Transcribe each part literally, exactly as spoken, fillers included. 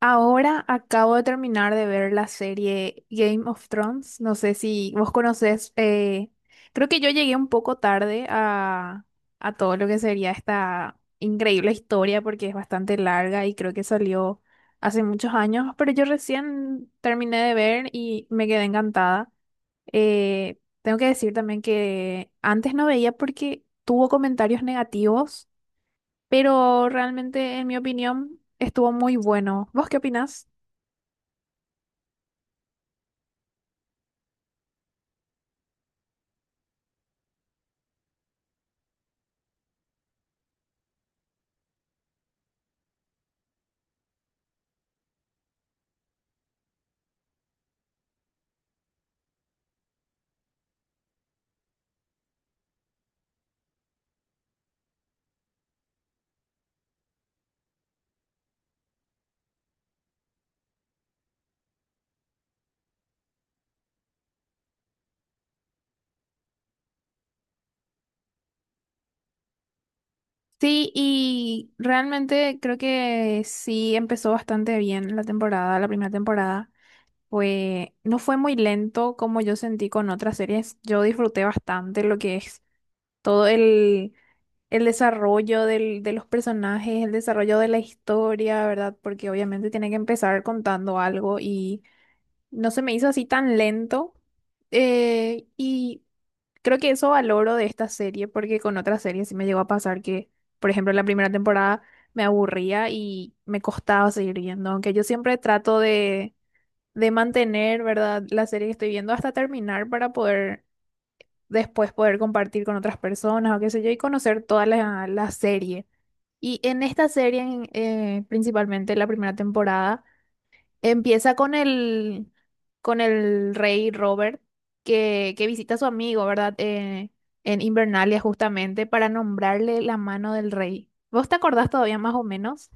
Ahora acabo de terminar de ver la serie Game of Thrones. No sé si vos conocés, eh, creo que yo llegué un poco tarde a, a todo lo que sería esta increíble historia porque es bastante larga y creo que salió hace muchos años, pero yo recién terminé de ver y me quedé encantada. Eh, tengo que decir también que antes no veía porque tuvo comentarios negativos, pero realmente en mi opinión estuvo muy bueno. ¿Vos qué opinás? Sí, y realmente creo que sí empezó bastante bien la temporada, la primera temporada. Fue, no fue muy lento como yo sentí con otras series. Yo disfruté bastante lo que es todo el, el desarrollo del- de los personajes, el desarrollo de la historia, ¿verdad? Porque obviamente tiene que empezar contando algo y no se me hizo así tan lento. Eh, y Creo que eso valoro de esta serie, porque con otras series sí me llegó a pasar que, por ejemplo, la primera temporada me aburría y me costaba seguir viendo, aunque yo siempre trato de, de mantener, ¿verdad?, la serie que estoy viendo hasta terminar para poder después poder compartir con otras personas o qué sé yo y conocer toda la, la serie. Y en esta serie, en- eh, principalmente la primera temporada, empieza con el, con el rey Robert que, que visita a su amigo, ¿verdad? Eh, en Invernalia justamente para nombrarle la mano del rey. ¿Vos te acordás todavía más o menos?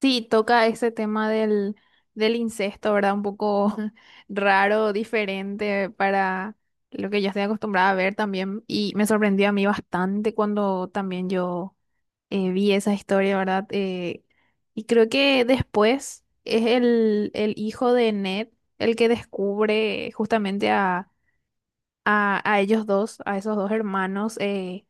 Sí, toca ese tema del, del incesto, ¿verdad? Un poco raro, diferente para lo que yo estoy acostumbrada a ver también. Y me sorprendió a mí bastante cuando también yo eh, vi esa historia, ¿verdad? Eh, y creo que después es el, el hijo de Ned el que descubre justamente a, a, a ellos dos, a esos dos hermanos. eh,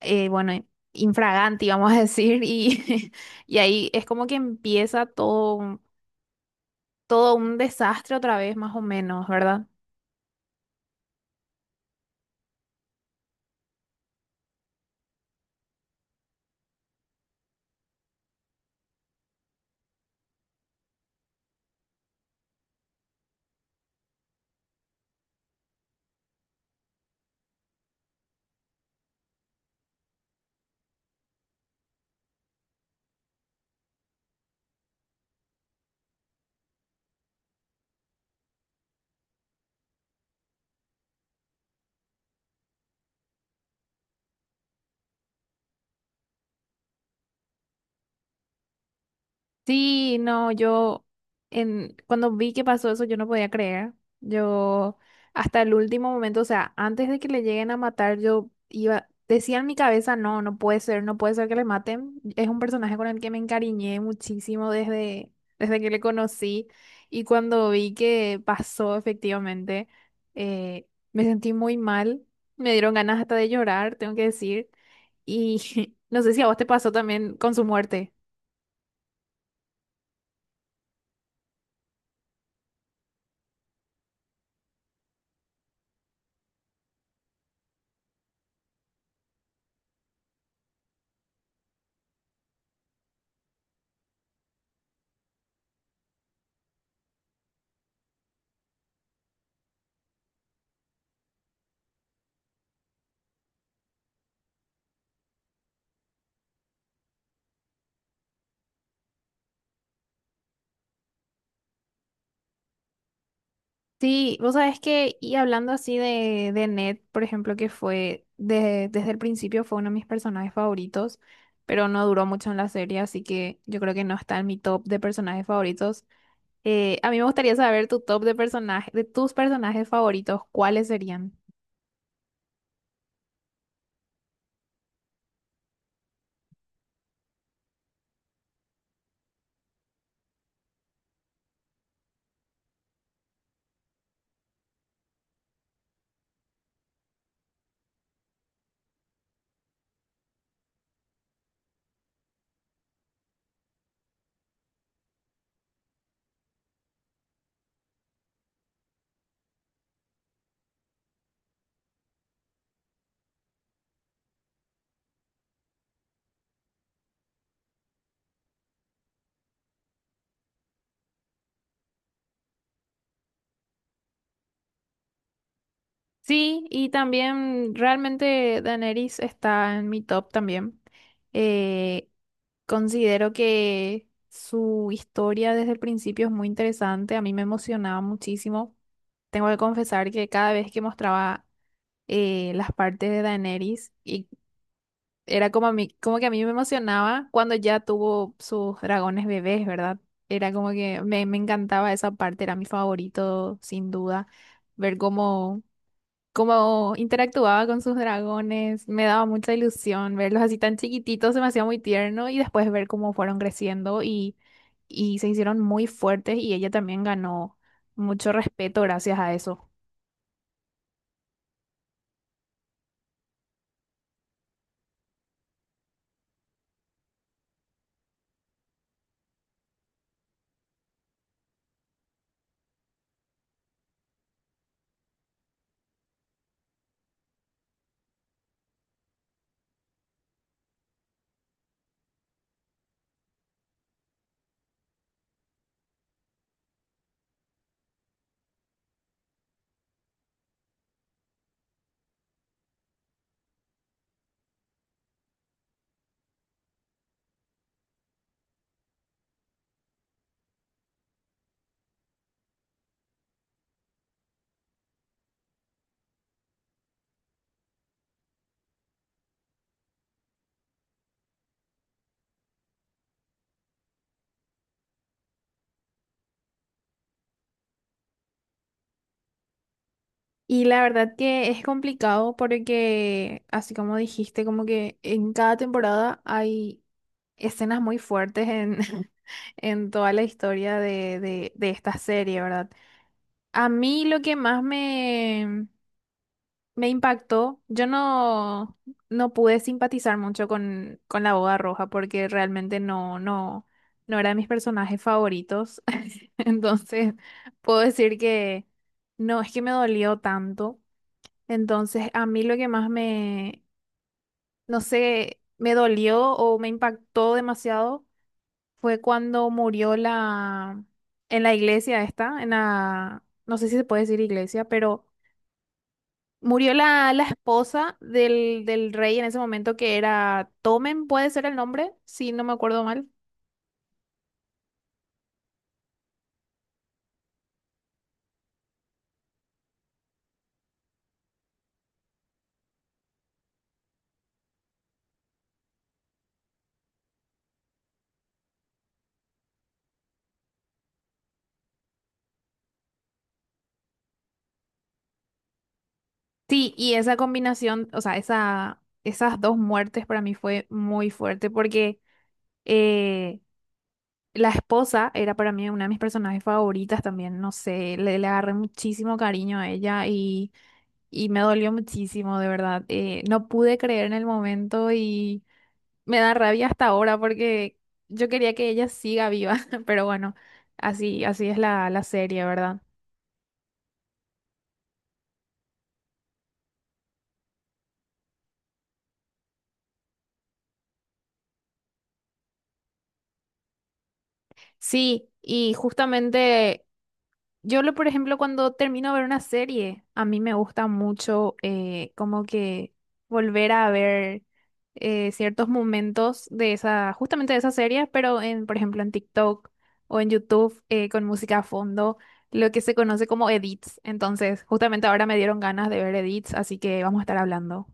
eh, Bueno, infraganti, vamos a decir, y, y ahí es como que empieza todo, un- todo un desastre otra vez, más o menos, ¿verdad? Sí, no, yo en, cuando vi que pasó eso, yo no podía creer. Yo hasta el último momento, o sea, antes de que le lleguen a matar, yo iba, decía en mi cabeza, no, no puede ser, no puede ser que le maten. Es un personaje con el que me encariñé muchísimo desde, desde que le conocí. Y cuando vi que pasó efectivamente, eh, me sentí muy mal. Me dieron ganas hasta de llorar, tengo que decir. Y no sé si a vos te pasó también con su muerte. Sí, vos sabés que, y hablando así de, de Ned, por ejemplo, que fue de- desde el principio fue uno de mis personajes favoritos, pero no duró mucho en la serie, así que yo creo que no está en mi top de personajes favoritos. Eh, a mí me gustaría saber tu top de personajes, de tus personajes favoritos, ¿cuáles serían? Sí, y también realmente Daenerys está en mi top también. Eh, Considero que su historia desde el principio es muy interesante, a mí me emocionaba muchísimo. Tengo que confesar que cada vez que mostraba eh, las partes de Daenerys, y era como, a mí, como que a mí me emocionaba cuando ya tuvo sus dragones bebés, ¿verdad? Era como que me, me encantaba esa parte, era mi favorito, sin duda, ver cómo... Como interactuaba con sus dragones, me daba mucha ilusión verlos así tan chiquititos, se me hacía muy tierno y después ver cómo fueron creciendo y, y se hicieron muy fuertes y ella también ganó mucho respeto gracias a eso. Y la verdad que es complicado porque, así como dijiste, como que en cada temporada hay escenas muy fuertes en, en toda la historia de, de, de esta serie, ¿verdad? A mí lo que más me Me impactó. Yo no, No pude simpatizar mucho con, con la boda roja porque realmente no, no, no era de mis personajes favoritos. Entonces, puedo decir que no, es que me dolió tanto. Entonces, a mí lo que más me, no sé, me dolió o me impactó demasiado fue cuando murió la, en la iglesia esta, en la, no sé si se puede decir iglesia, pero murió la, la esposa del, del rey en ese momento que era Tomen, puede ser el nombre, si no me acuerdo mal. Sí, y esa combinación, o sea, esa, esas dos muertes para mí fue muy fuerte porque eh, la esposa era para mí una de mis personajes favoritas también, no sé, le, le agarré muchísimo cariño a ella y, y me dolió muchísimo, de verdad. Eh, no pude creer en el momento y... Me da rabia hasta ahora porque yo quería que ella siga viva, pero bueno, así, así es la, la serie, ¿verdad? Sí, y justamente yo, lo, por ejemplo, cuando termino de ver una serie, a mí me gusta mucho eh, como que volver a ver eh, ciertos momentos de esa, justamente de esa serie, pero en, por ejemplo, en TikTok o en YouTube eh, con música a fondo lo que se conoce como edits. Entonces, justamente ahora me dieron ganas de ver edits, así que vamos a estar hablando.